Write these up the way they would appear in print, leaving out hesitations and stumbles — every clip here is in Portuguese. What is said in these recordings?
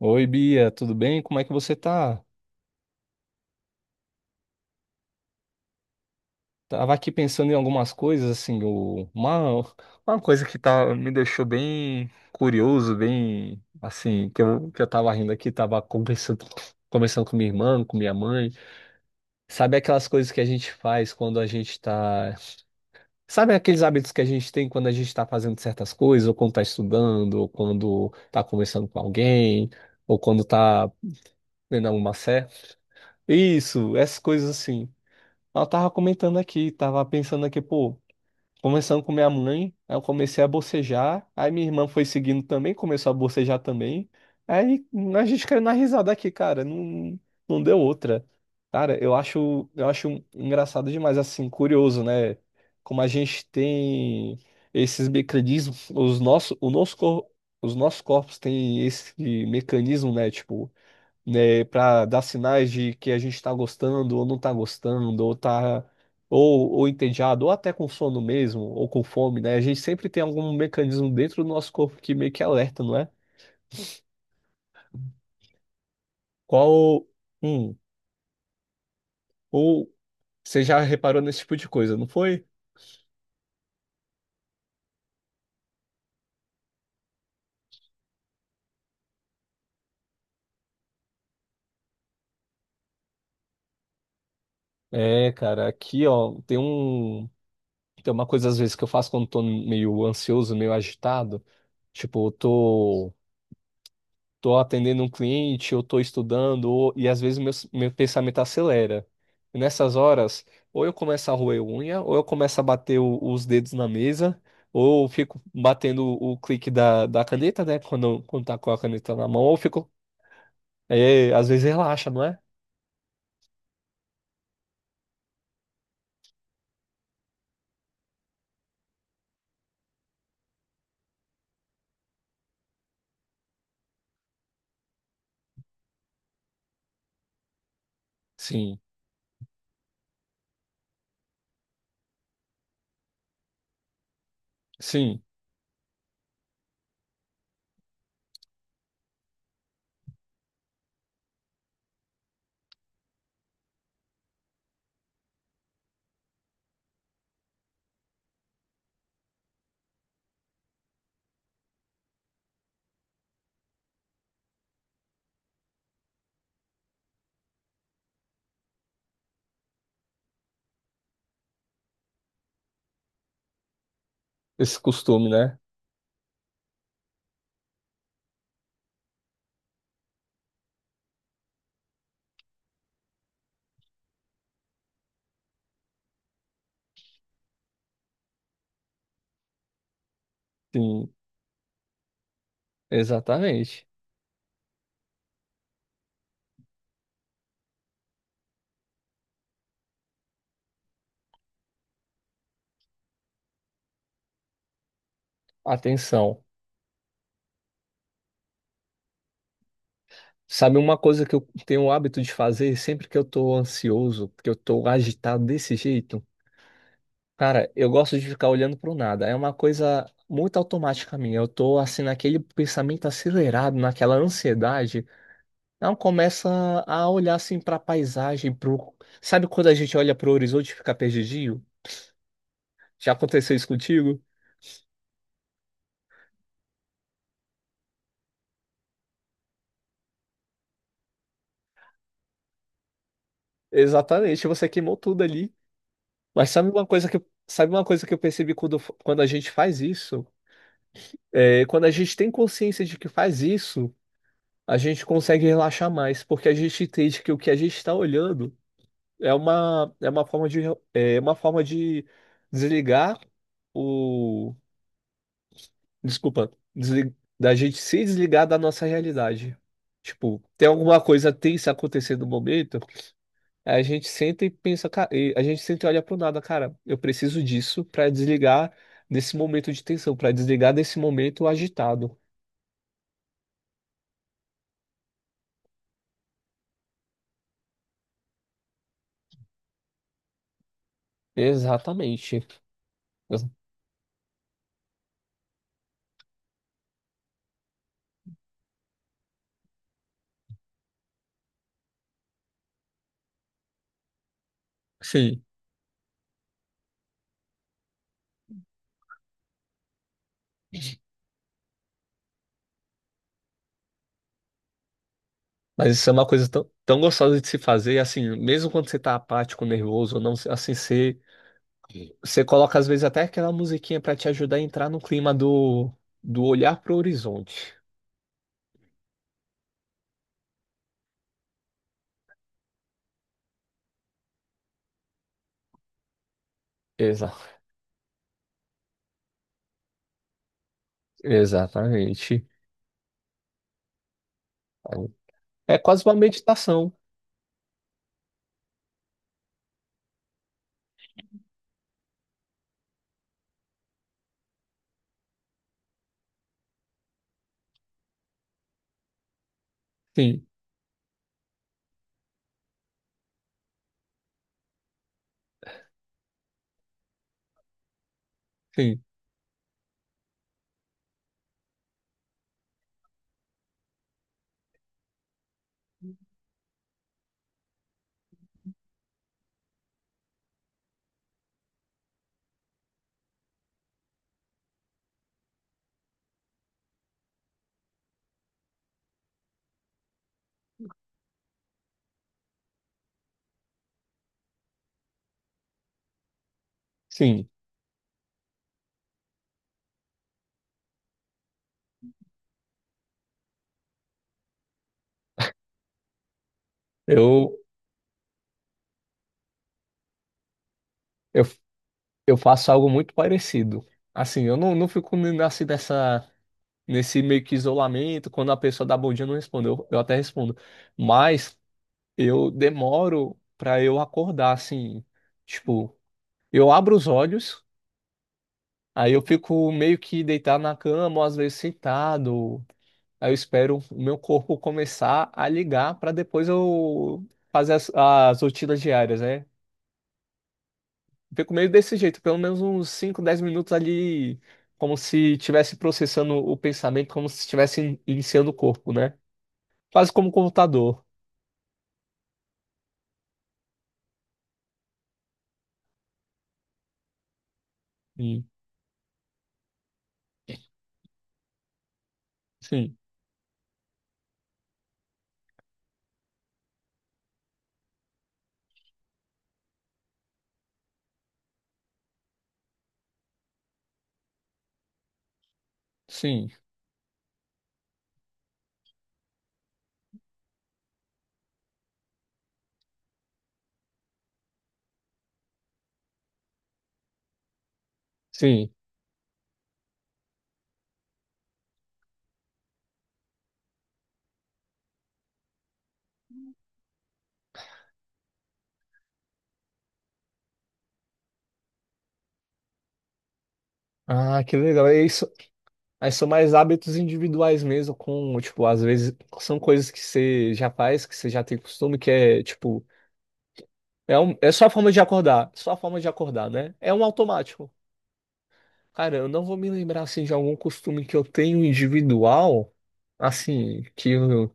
Oi, Bia, tudo bem? Como é que você tá? Tava aqui pensando em algumas coisas, assim, uma coisa que me deixou bem curioso, bem, assim, que eu tava rindo aqui, conversando com minha irmã, com minha mãe. Sabe aquelas coisas que a gente faz quando a gente tá... Sabe aqueles hábitos que a gente tem quando a gente tá fazendo certas coisas, ou quando tá estudando, ou quando tá conversando com alguém, ou quando tá vendo alguma série? Isso, essas coisas assim. Ela tava comentando aqui, tava pensando aqui, pô, começando com minha mãe, aí eu comecei a bocejar, aí minha irmã foi seguindo também, começou a bocejar também, aí a gente caiu na risada aqui, cara, não, não deu outra. Cara, eu acho engraçado demais, assim, curioso, né? Como a gente tem esses mecanismos, os nossos, os nossos corpos têm esse mecanismo, né? Tipo, né, para dar sinais de que a gente está gostando ou não está gostando, ou ou entediado, ou até com sono mesmo, ou com fome, né? A gente sempre tem algum mecanismo dentro do nosso corpo que meio que alerta, não é? Qual, hum, ou você já reparou nesse tipo de coisa, não foi? É, cara, aqui, ó, tem uma coisa às vezes que eu faço quando tô meio ansioso, meio agitado, tipo, eu tô atendendo um cliente, eu tô estudando, e às vezes meu pensamento acelera. E nessas horas, ou eu começo a roer unha, ou eu começo a bater os dedos na mesa, ou eu fico batendo o clique da caneta, né? Quando tá com a caneta na mão, ou eu fico. É, às vezes relaxa, não é? Sim, sim, esse costume, né? Sim, exatamente. Atenção. Sabe uma coisa que eu tenho o hábito de fazer sempre que eu tô ansioso, que eu tô agitado desse jeito? Cara, eu gosto de ficar olhando pro nada. É uma coisa muito automática minha. Eu tô assim naquele pensamento acelerado, naquela ansiedade. Não começa a olhar assim pra paisagem, pro... Sabe quando a gente olha pro horizonte e fica perdidinho? Já aconteceu isso contigo? Exatamente, você queimou tudo ali. Mas sabe uma coisa que sabe uma coisa que eu percebi quando a gente faz isso? É, quando a gente tem consciência de que faz isso, a gente consegue relaxar mais, porque a gente entende que o que a gente está olhando é uma, é uma forma de desligar o, desculpa, da gente se desligar da nossa realidade. Tipo, tem alguma coisa tensa acontecendo no momento, a gente senta e pensa, e a gente senta e olha pro nada, cara, eu preciso disso para desligar desse momento de tensão, para desligar desse momento agitado. Exatamente. Sim, mas isso é uma coisa tão, tão gostosa de se fazer, assim, mesmo quando você tá apático, nervoso, ou não, assim, você você coloca às vezes até aquela musiquinha pra te ajudar a entrar no clima do, do olhar pro horizonte. Exa exatamente. É quase uma meditação. Sim, sim, sim. Eu, eu, eu faço algo muito parecido. Assim, eu não, não fico assim nesse meio que isolamento, quando a pessoa dá bom dia, eu não respondo. Eu até respondo. Mas eu demoro pra eu acordar, assim. Tipo, eu abro os olhos. Aí eu fico meio que deitado na cama, ou às vezes sentado. Aí eu espero o meu corpo começar a ligar para depois eu fazer as rotinas diárias, né? Fico meio desse jeito, pelo menos uns 5, 10 minutos ali, como se estivesse processando o pensamento, como se estivesse iniciando o corpo, né? Quase como um computador. Sim, sim, sim. Sim. Ah, que legal. É isso. Mas são mais hábitos individuais mesmo, com, tipo, às vezes são coisas que você já faz, que você já tem costume, que é, tipo, é só a forma de acordar, só a forma de acordar, né? É um automático. Cara, eu não vou me lembrar, assim, de algum costume que eu tenho individual, assim,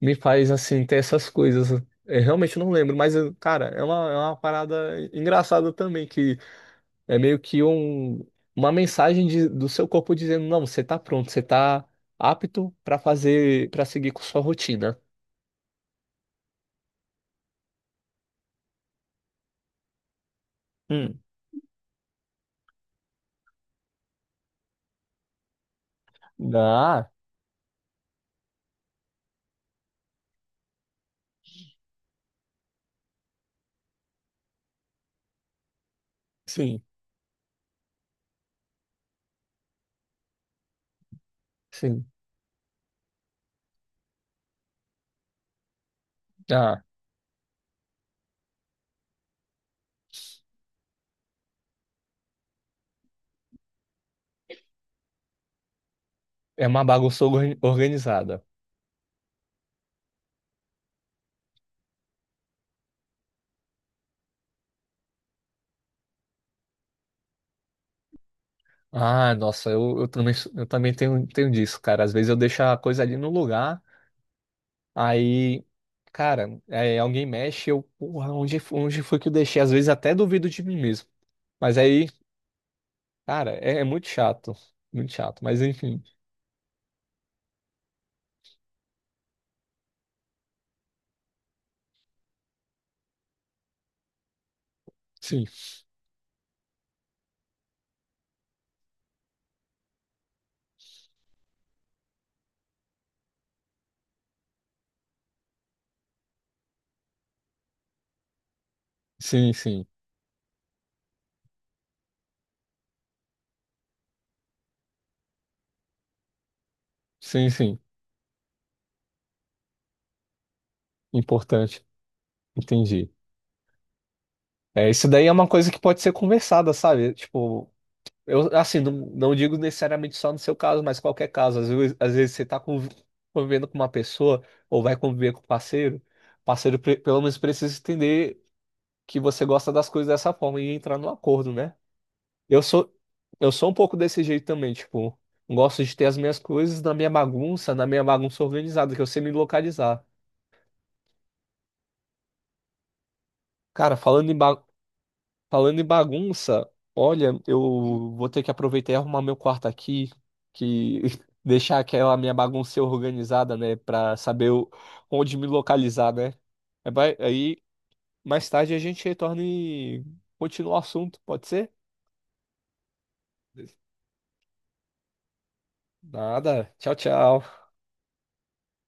me faz, assim, ter essas coisas. Eu realmente não lembro, cara, é uma parada engraçada também, que é meio que uma mensagem do seu corpo dizendo, não, você tá pronto, você tá apto para fazer, para seguir com sua rotina. Hum. Ah, sim, sim. Ah, é uma bagunça organizada. Ah, nossa, eu também, sou- eu também tenho, tenho disso, cara. Às vezes eu deixo a coisa ali no lugar, aí, cara, é, alguém mexe, eu, porra, onde, fo- onde foi que eu deixei? Às vezes até duvido de mim mesmo. Mas aí, cara, é muito chato, muito chato. Mas enfim, sim. Sim, sim. Sim, sim. Importante. Entendi. É, isso daí é uma coisa que pode ser conversada, sabe? Tipo, eu assim, não, não digo necessariamente só no seu caso, mas qualquer caso. Às vezes você tá convivendo com uma pessoa ou vai conviver com um parceiro, o parceiro pelo menos precisa entender que você gosta das coisas dessa forma e entrar no acordo, né? Eu sou eu sou um pouco desse jeito também, tipo, gosto de ter as minhas coisas na minha bagunça organizada, que eu sei me localizar. Cara, falando em, ba Falando em bagunça, olha, eu vou ter que aproveitar e arrumar meu quarto aqui, que deixar aquela minha bagunça organizada, né, pra saber onde me localizar, né? Aí vai- aí, mais tarde a gente retorna e continua o assunto, pode ser? Nada. Tchau, tchau.